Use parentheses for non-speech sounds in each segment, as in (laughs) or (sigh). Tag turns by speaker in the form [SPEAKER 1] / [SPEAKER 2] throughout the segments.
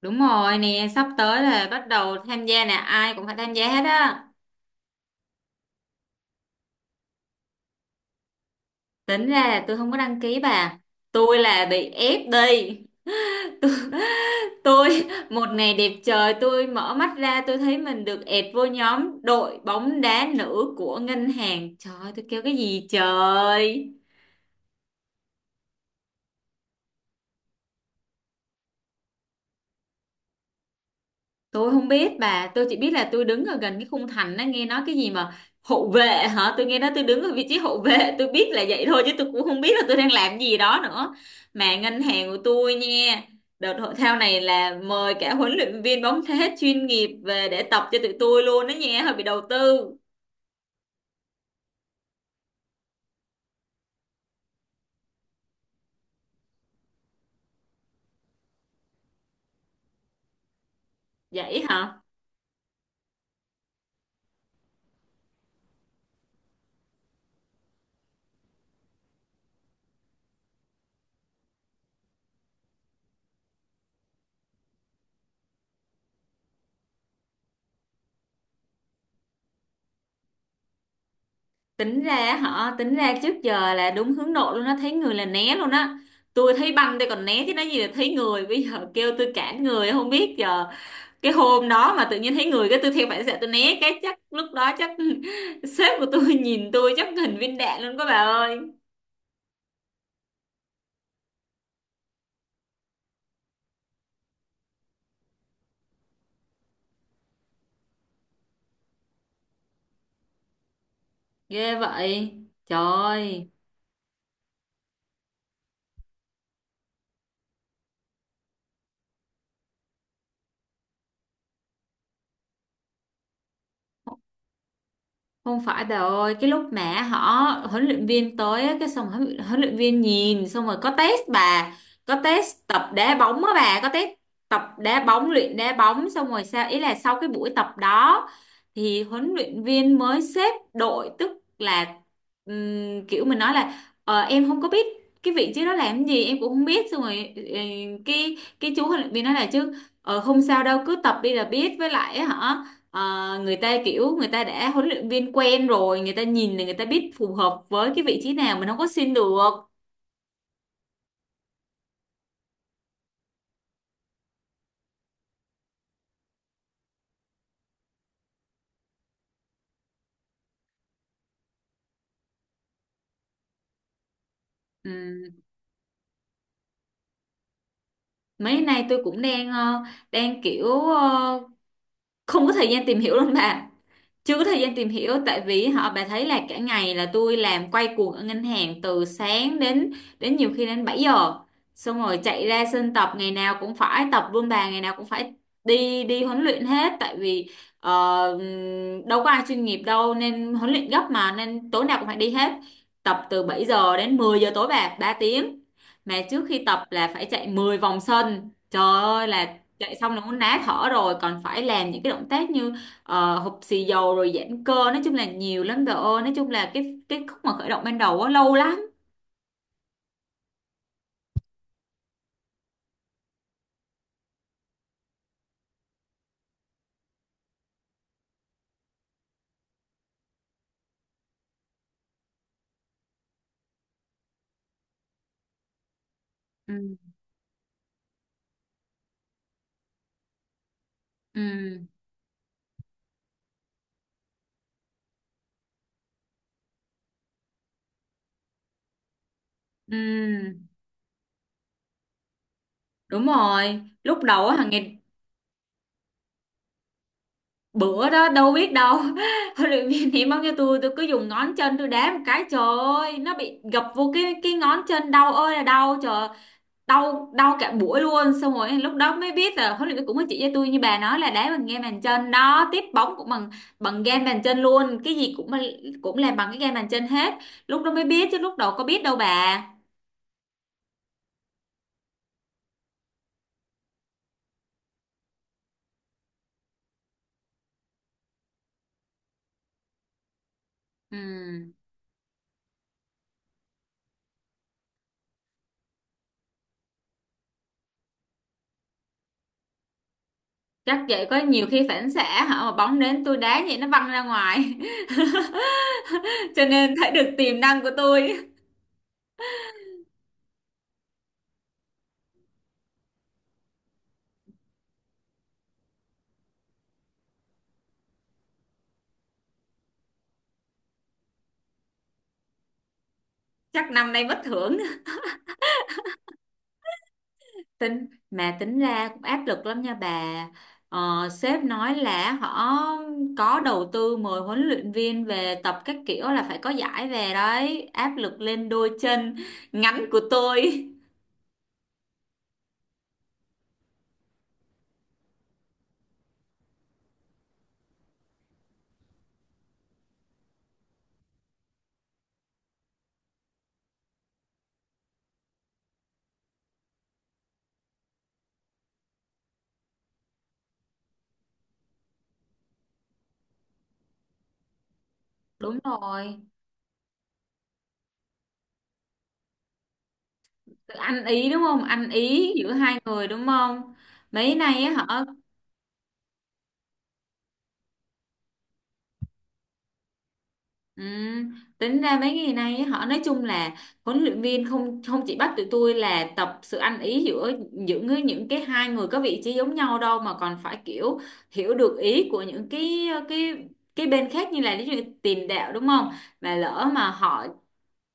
[SPEAKER 1] Đúng rồi nè, sắp tới là bắt đầu tham gia nè, ai cũng phải tham gia hết á. Tính ra là tôi không có đăng ký bà. Tôi là bị ép đi. (laughs) Tôi, tôi một ngày đẹp trời tôi mở mắt ra tôi thấy mình được ẹt vô nhóm đội bóng đá nữ của ngân hàng. Trời ơi, tôi kêu cái gì trời. Tôi không biết bà, tôi chỉ biết là tôi đứng ở gần cái khung thành đó nghe nói cái gì mà hộ vệ hả? Tôi nghe nói tôi đứng ở vị trí hộ vệ, tôi biết là vậy thôi chứ tôi cũng không biết là tôi đang làm gì đó nữa. Mà ngân hàng của tôi nha, đợt hội thao này là mời cả huấn luyện viên bóng thế chuyên nghiệp về để tập cho tụi tôi luôn đó nha, hơi bị đầu tư. Vậy hả? Tính ra trước giờ là đúng hướng nội luôn á, thấy người là né luôn á. Tôi thấy banh tôi còn né chứ nói gì là thấy người, bây giờ kêu tôi cản người không biết giờ cái hôm đó mà tự nhiên thấy người cái tôi theo phản xạ tôi né cái chắc lúc đó chắc (laughs) sếp của tôi nhìn tôi chắc hình viên đạn luôn các bà ơi. Ghê vậy trời. Không phải bà ơi, cái lúc mà huấn luyện viên tới á, cái xong huấn luyện viên nhìn xong rồi có test bà, có test tập đá bóng á bà, có test tập đá bóng, luyện đá bóng xong rồi sao ý là sau cái buổi tập đó thì huấn luyện viên mới xếp đội tức là kiểu mình nói là em không có biết cái vị trí đó làm cái gì em cũng không biết xong rồi cái chú huấn luyện viên nói là chứ không sao đâu cứ tập đi là biết với lại á hả. Ờ, Người ta kiểu người ta đã huấn luyện viên quen rồi người ta nhìn là người ta biết phù hợp với cái vị trí nào mình không có xin được. Ừm, Mấy nay tôi cũng đang đang kiểu không có thời gian tìm hiểu luôn bà, chưa có thời gian tìm hiểu tại vì họ bà thấy là cả ngày là tôi làm quay cuồng ở ngân hàng từ sáng đến đến nhiều khi đến 7 giờ xong rồi chạy ra sân tập ngày nào cũng phải tập luôn bà ngày nào cũng phải đi đi huấn luyện hết tại vì ờ, đâu có ai chuyên nghiệp đâu nên huấn luyện gấp mà nên tối nào cũng phải đi hết, tập từ 7 giờ đến 10 giờ tối bà 3 tiếng, mà trước khi tập là phải chạy 10 vòng sân trời ơi là chạy xong là muốn ná thở rồi còn phải làm những cái động tác như hụp xì dầu rồi giãn cơ nói chung là nhiều lắm trời ơi nói chung là cái khúc mà khởi động ban đầu á lâu lắm. Ừ. Ừ, ừ, đúng rồi lúc đầu á hàng ngày bữa đó đâu biết đâu (laughs) huấn luyện viên ném bóng cho tôi cứ dùng ngón chân tôi đá một cái trời ơi nó bị gập vô cái ngón chân đau ơi là đau trời, đau đau cả buổi luôn xong rồi lúc đó mới biết là huấn luyện viên cũng có chỉ cho tôi như bà nói là đá bằng game bàn chân đó, tiếp bóng cũng bằng bằng game bàn chân luôn cái gì cũng cũng làm bằng cái game bàn chân hết, lúc đó mới biết chứ lúc đầu có biết đâu bà. Ừ. Chắc vậy có nhiều khi phản xạ hả mà bóng đến tôi đá vậy nó văng ra ngoài (laughs) cho nên thấy được tiềm năng của tôi. Chắc năm nay bất hưởng. Tính mà tính ra cũng áp lực lắm nha bà, sếp nói là họ có đầu tư mời huấn luyện viên về tập các kiểu là phải có giải về đấy, áp lực lên đôi chân ngắn của tôi. Đúng rồi, sự ăn ý đúng không, ăn ý giữa 2 người đúng không? Mấy nay á, họ Ừ, tính ra mấy ngày nay á, họ nói chung là huấn luyện viên không không chỉ bắt tụi tôi là tập sự ăn ý giữa những cái 2 người có vị trí giống nhau đâu mà còn phải kiểu hiểu được ý của những cái bên khác như là ví dụ như tiền đạo đúng không, mà lỡ mà họ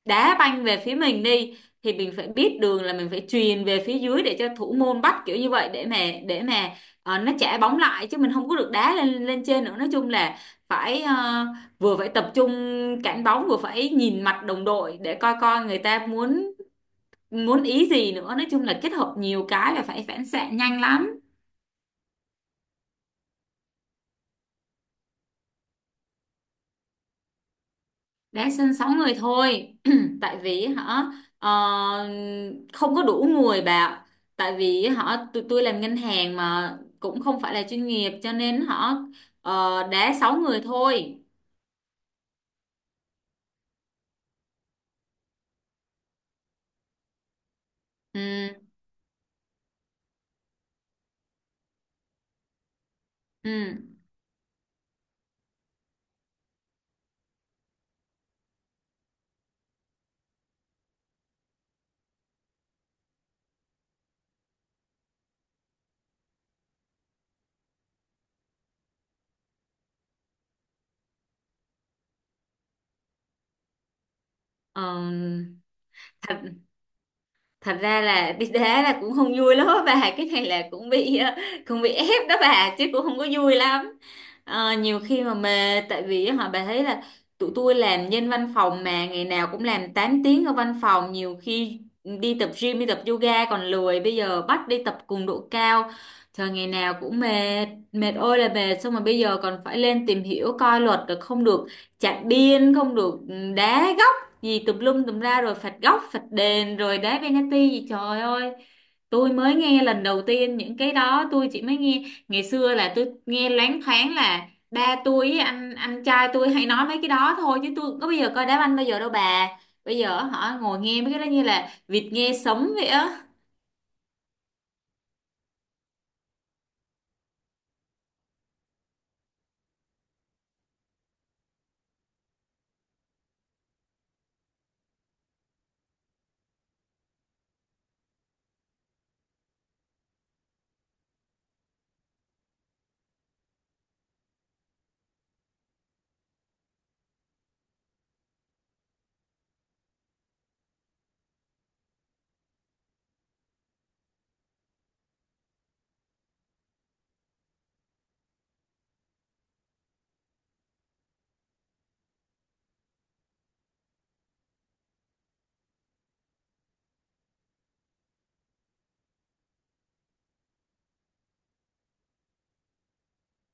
[SPEAKER 1] đá banh về phía mình đi thì mình phải biết đường là mình phải chuyền về phía dưới để cho thủ môn bắt kiểu như vậy để mà nó trả bóng lại chứ mình không có được đá lên lên trên nữa nói chung là phải vừa phải tập trung cản bóng vừa phải nhìn mặt đồng đội để coi coi người ta muốn muốn ý gì nữa nói chung là kết hợp nhiều cái và phải phản xạ nhanh lắm. Đá sân 6 người thôi (clears throat) tại vì hả ờ, không có đủ người bà ạ, tại vì hả tụi tôi làm ngân hàng mà cũng không phải là chuyên nghiệp cho nên hả đá 6 người thôi. Ừ, ừ, ờ, thật thật ra là đi đá là cũng không vui lắm á bà, cái này là cũng bị cũng bị ép đó bà chứ cũng không có vui lắm. Ờ, nhiều khi mà mệt tại vì họ bà thấy là tụi tôi làm nhân văn phòng mà ngày nào cũng làm 8 tiếng ở văn phòng nhiều khi đi tập gym đi tập yoga còn lười bây giờ bắt đi tập cường độ cao trời, ngày nào cũng mệt mệt ơi là mệt xong rồi bây giờ còn phải lên tìm hiểu coi luật rồi không được chạy điên không được đá góc gì tùm lum tùm la rồi phạt góc phạt đền rồi đá penalty gì trời ơi, tôi mới nghe lần đầu tiên những cái đó tôi chỉ mới nghe, ngày xưa là tôi nghe loáng thoáng là ba tôi với anh trai tôi hay nói mấy cái đó thôi chứ tôi có bây giờ coi đá banh bao giờ đâu bà, bây giờ họ ngồi nghe mấy cái đó như là vịt nghe sấm vậy á.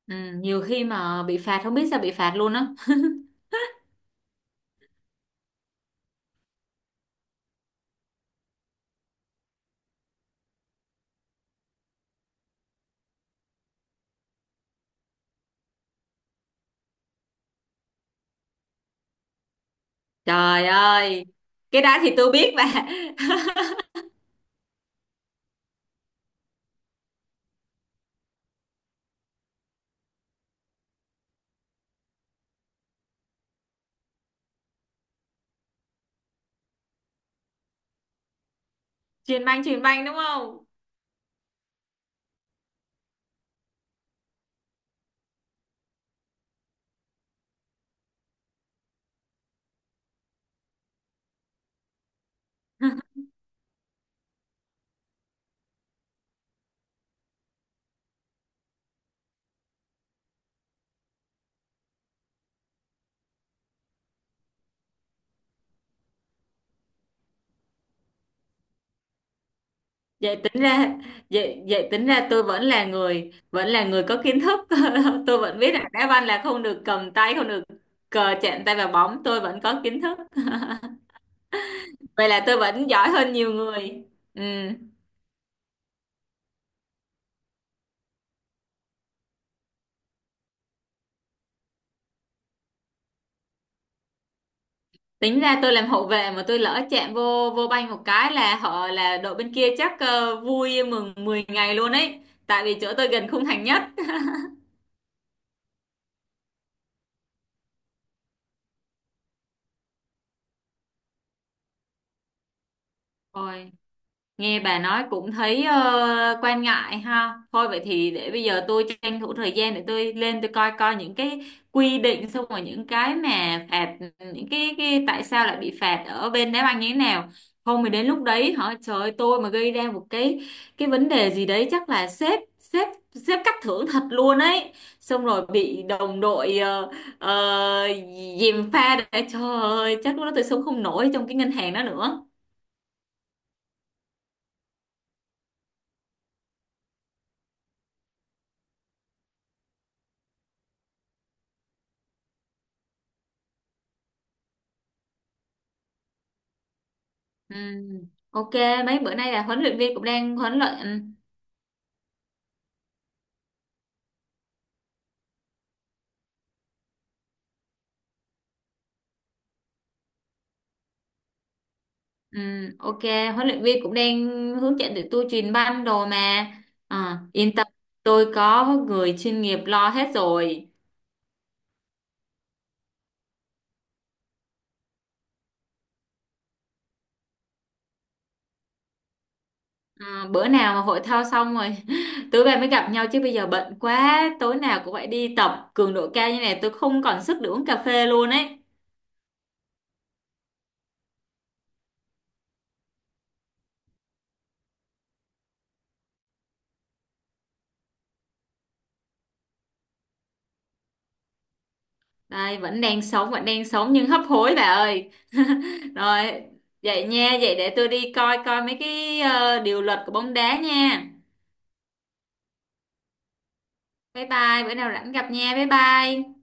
[SPEAKER 1] Ừ, nhiều khi mà bị phạt không biết sao bị phạt luôn á. Trời ơi, cái đó thì tôi biết bà. (laughs) Chuyền banh chuyền banh đúng không? (laughs) vậy tính ra vậy tính ra tôi vẫn là người có kiến thức. (laughs) Tôi vẫn biết là đá banh là không được cầm tay, không được cờ chạm tay vào bóng, tôi vẫn có kiến thức. (laughs) Vậy là tôi vẫn giỏi hơn nhiều người. Ừ. Tính ra tôi làm hậu vệ mà tôi lỡ chạm vô vô banh một cái là họ là đội bên kia chắc vui mừng 10 ngày luôn ấy. Tại vì chỗ tôi gần khung thành nhất. Ôi. Nghe bà nói cũng thấy quan ngại ha. Thôi vậy thì để bây giờ tôi tranh thủ thời gian để tôi lên tôi coi coi những cái quy định xong rồi những cái mà phạt, những cái tại sao lại bị phạt ở bên đá banh như thế nào. Không thì đến lúc đấy hả trời ơi, tôi mà gây ra một cái vấn đề gì đấy chắc là sếp sếp sếp cắt thưởng thật luôn ấy. Xong rồi bị đồng đội ờ, dìm pha để trời ơi chắc lúc đó tôi sống không nổi trong cái ngân hàng đó nữa. Ừ, ok, mấy bữa nay là huấn luyện viên cũng đang huấn luyện, ừ, ừ, ok, huấn luyện viên cũng đang hướng dẫn tụi tôi truyền banh đồ mà. Ờ, yên tâm, tôi có người chuyên nghiệp lo hết rồi. Ờ, bữa nào mà hội thao xong rồi (laughs) tụi bay mới gặp nhau chứ bây giờ bận quá tối nào cũng phải đi tập cường độ cao như này tôi không còn sức để uống cà phê luôn ấy. Đây, vẫn đang sống nhưng hấp hối bà ơi. (laughs) Rồi, vậy nha, vậy để tôi đi coi coi mấy cái điều luật của bóng đá nha. Bye bye, bữa nào rảnh gặp nha, bye bye.